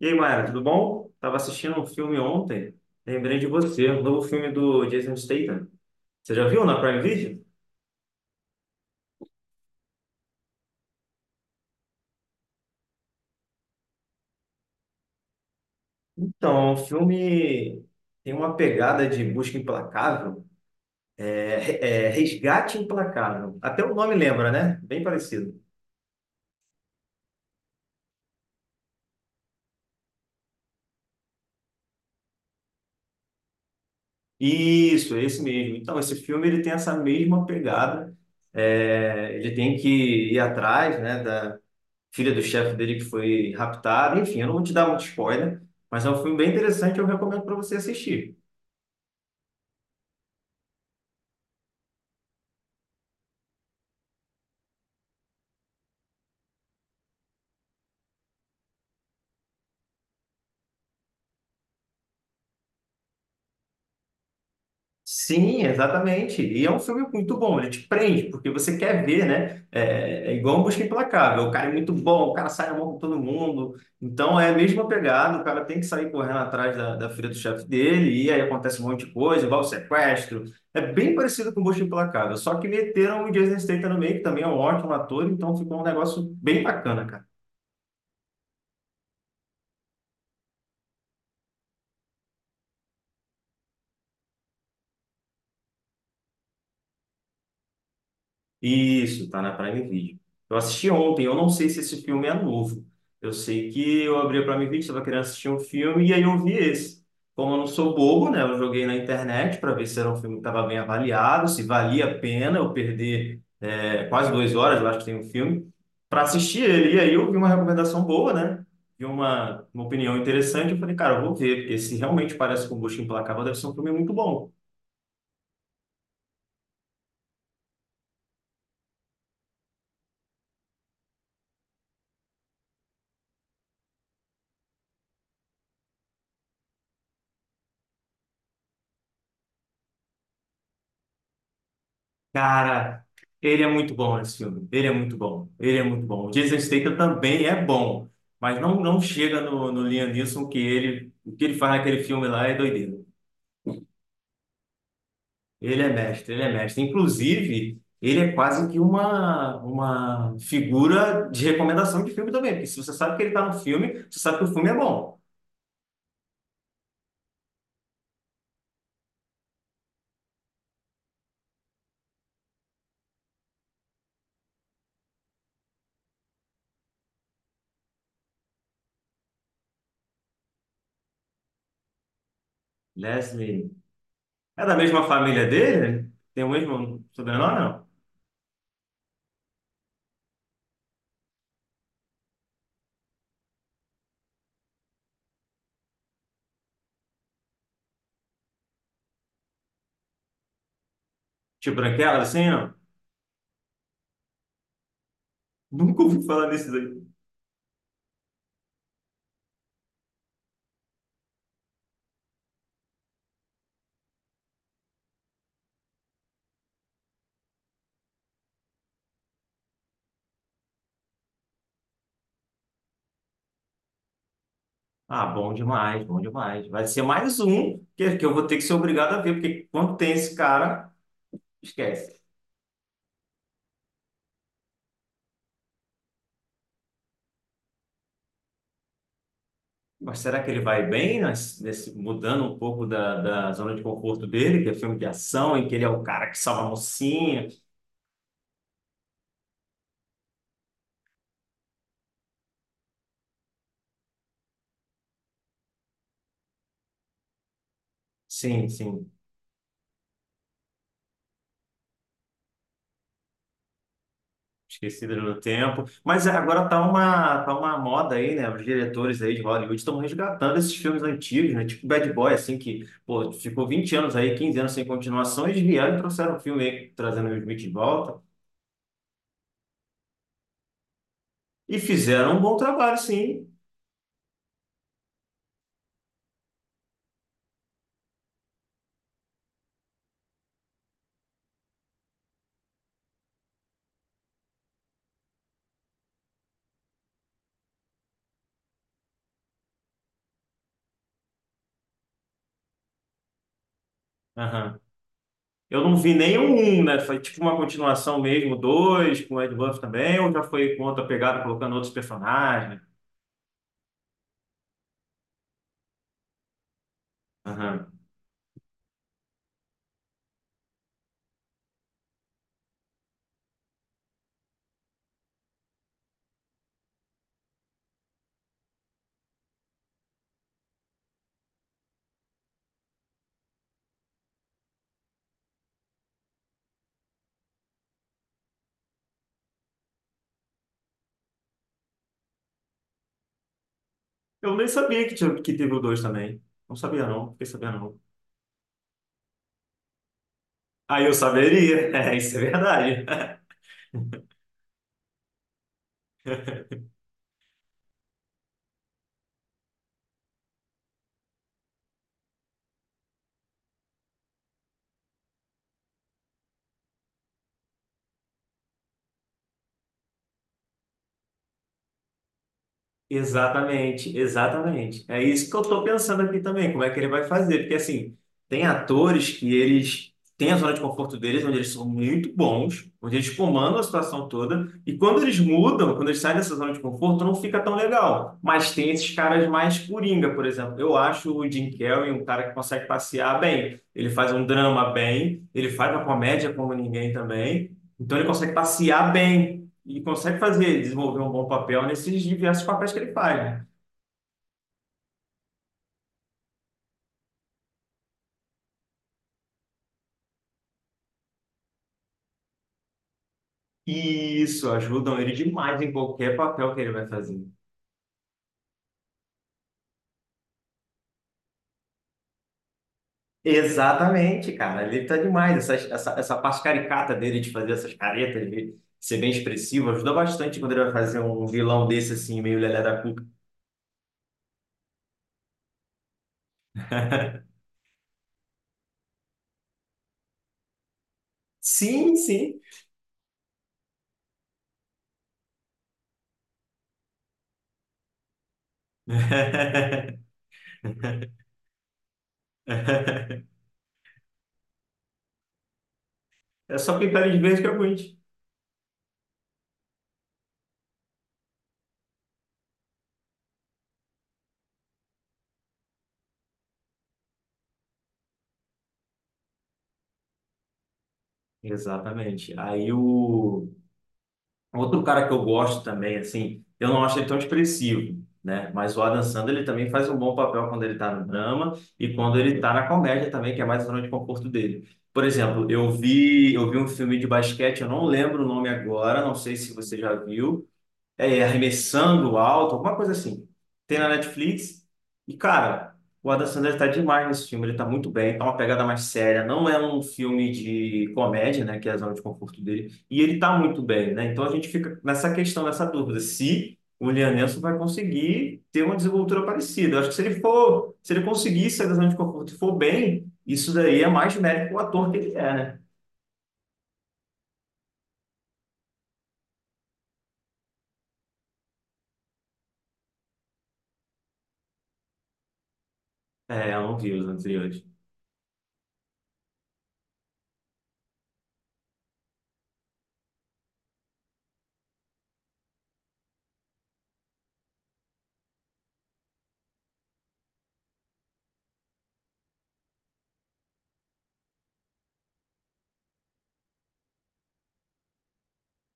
E aí, Mayra, tudo bom? Tava assistindo um filme ontem, lembrei de você, o novo filme do Jason Statham. Você já viu na Prime Video? Então, o filme tem uma pegada de busca implacável, resgate implacável. Até o nome lembra, né? Bem parecido. Isso, é esse mesmo. Então, esse filme ele tem essa mesma pegada. É, ele tem que ir atrás, né, da filha do chefe dele que foi raptada. Enfim, eu não vou te dar muito spoiler, mas é um filme bem interessante, eu recomendo para você assistir. Sim, exatamente. E é um filme muito bom, ele te prende, porque você quer ver, né? É igual um Busca Implacável. O cara é muito bom, o cara sai na mão com todo mundo. Então é a mesma pegada, o cara tem que sair correndo atrás da filha do chefe dele, e aí acontece um monte de coisa, igual o sequestro. É bem parecido com o Busca Implacável, só que meteram o Jason Statham no meio, que também é um ótimo ator, então ficou um negócio bem bacana, cara. Isso, tá na Prime Video. Eu assisti ontem, eu não sei se esse filme é novo. Eu sei que eu abri a Prime Video, estava querendo assistir um filme e aí eu vi esse. Como eu não sou bobo, né? Eu joguei na internet para ver se era um filme que estava bem avaliado, se valia a pena eu perder quase 2 horas, eu acho que tem um filme, para assistir ele. E aí eu vi uma recomendação boa, né? Vi uma opinião interessante. Eu falei, cara, eu vou ver, porque se realmente parece com o Busca Implacável, deve ser um filme muito bom. Cara, ele é muito bom esse filme. Ele é muito bom. Ele é muito bom. O Jason Statham também é bom, mas não chega no Liam Neeson que ele o que ele faz naquele filme lá é doideira. Ele é mestre, ele é mestre. Inclusive, ele é quase que uma figura de recomendação de filme também, porque se você sabe que ele está no filme, você sabe que o filme é bom. Leslie é da mesma família dele? Tem o mesmo sobrenome, não? Tio Branquela, assim, não? Nunca ouvi falar nesse. Ah, bom demais, bom demais. Vai ser mais um que eu vou ter que ser obrigado a ver, porque quando tem esse cara, esquece. Mas será que ele vai bem nesse, mudando um pouco da zona de conforto dele, que é filme de ação, em que ele é o cara que salva a mocinha? Sim, sim, esquecido no tempo. Mas é, agora tá tá uma moda aí, né? Os diretores aí de Hollywood estão resgatando esses filmes antigos, né? Tipo Bad Boy, assim, que pô, ficou 20 anos aí, 15 anos sem continuação, eles vieram e trouxeram um filme aí, trazendo o Will Smith de volta. E fizeram um bom trabalho, sim. Aham. Eu não vi nenhum um, né? Foi tipo uma continuação mesmo, dois, com o Ed Buff também, ou já foi com outra pegada, colocando outros personagens. Aham. Eu nem sabia que teve o dois também. Não sabia, não. Fiquei sabendo, não. Aí eu saberia. É, isso é verdade. Exatamente, exatamente. É isso que eu estou pensando aqui também, como é que ele vai fazer. Porque, assim, tem atores que eles têm a zona de conforto deles, onde eles são muito bons, onde eles comandam a situação toda, e quando eles mudam, quando eles saem dessa zona de conforto, não fica tão legal. Mas tem esses caras mais coringa, por exemplo. Eu acho o Jim Carrey um cara que consegue passear bem. Ele faz um drama bem, ele faz uma comédia como ninguém também. Então, ele consegue passear bem. E consegue fazer, desenvolver um bom papel nesses diversos papéis que ele faz, né? E isso ajuda ele demais em qualquer papel que ele vai fazer. Exatamente, cara. Ele tá demais. Essa parte caricata dele de fazer essas caretas, de ser bem expressivo, ajuda bastante quando ele vai fazer um vilão desse, assim, meio lelé da cuca. Sim, sim. É só pintar eles de verde que é ruim. Exatamente. Aí o. Outro cara que eu gosto também, assim, eu não acho ele tão expressivo, né? Mas o Adam Sandler, ele também faz um bom papel quando ele tá no drama e quando ele tá na comédia também, que é mais a zona de conforto dele. Por exemplo, eu vi um filme de basquete, eu não lembro o nome agora, não sei se você já viu, arremessando alto, alguma coisa assim. Tem na Netflix. E, cara, o Adam Sandler tá demais nesse filme. Ele tá muito bem, tá uma pegada mais séria. Não é um filme de comédia, né? Que é a zona de conforto dele. E ele tá muito bem, né? Então a gente fica nessa questão, nessa dúvida, se o Liam Neeson vai conseguir ter uma desenvoltura parecida. Eu acho que se ele for, se ele conseguir sair da zona de conforto e for bem, isso daí é mais mérito pro ator que ele é, né? É, eu não vi os anteriores.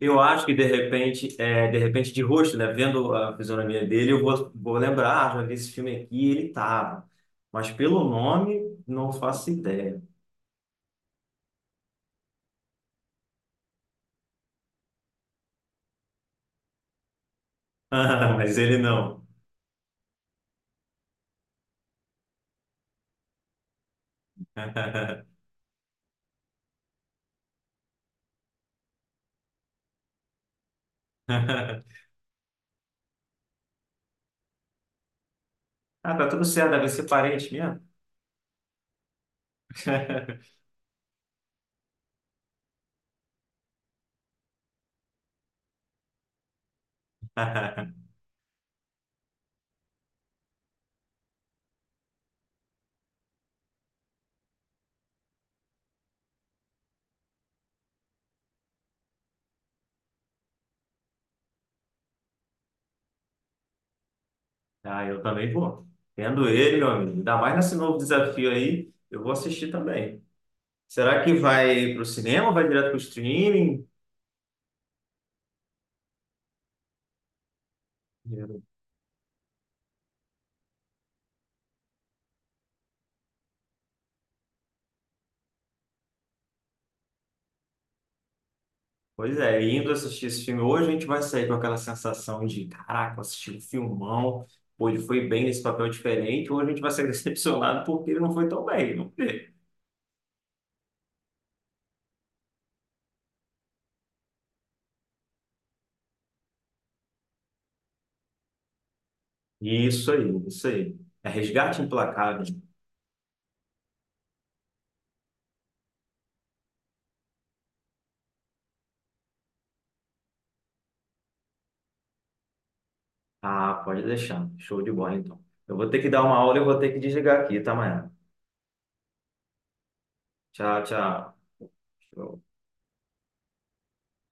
Eu acho que de repente, de repente de rosto, né, vendo a fisionomia dele, vou lembrar, ah, já vi esse filme aqui, ele tava. Mas pelo nome, não faço ideia. Ah, mas ele não. Ah, tá tudo certo, deve ser parente mesmo. Ah, eu também vou. Vendo ele, meu amigo, ainda mais nesse novo desafio aí, eu vou assistir também. Será que vai pro cinema, ou vai direto pro streaming? Pois é, indo assistir esse filme hoje, a gente vai sair com aquela sensação de, caraca, assisti um filmão, pô, ele foi bem nesse papel diferente, hoje a gente vai ser decepcionado porque ele não foi tão bem, não foi? Isso aí, isso aí. É Resgate Implacável. Ah, pode deixar. Show de bola, então. Eu vou ter que dar uma aula e eu vou ter que desligar aqui, tá, Maia? Tchau, tchau. Show.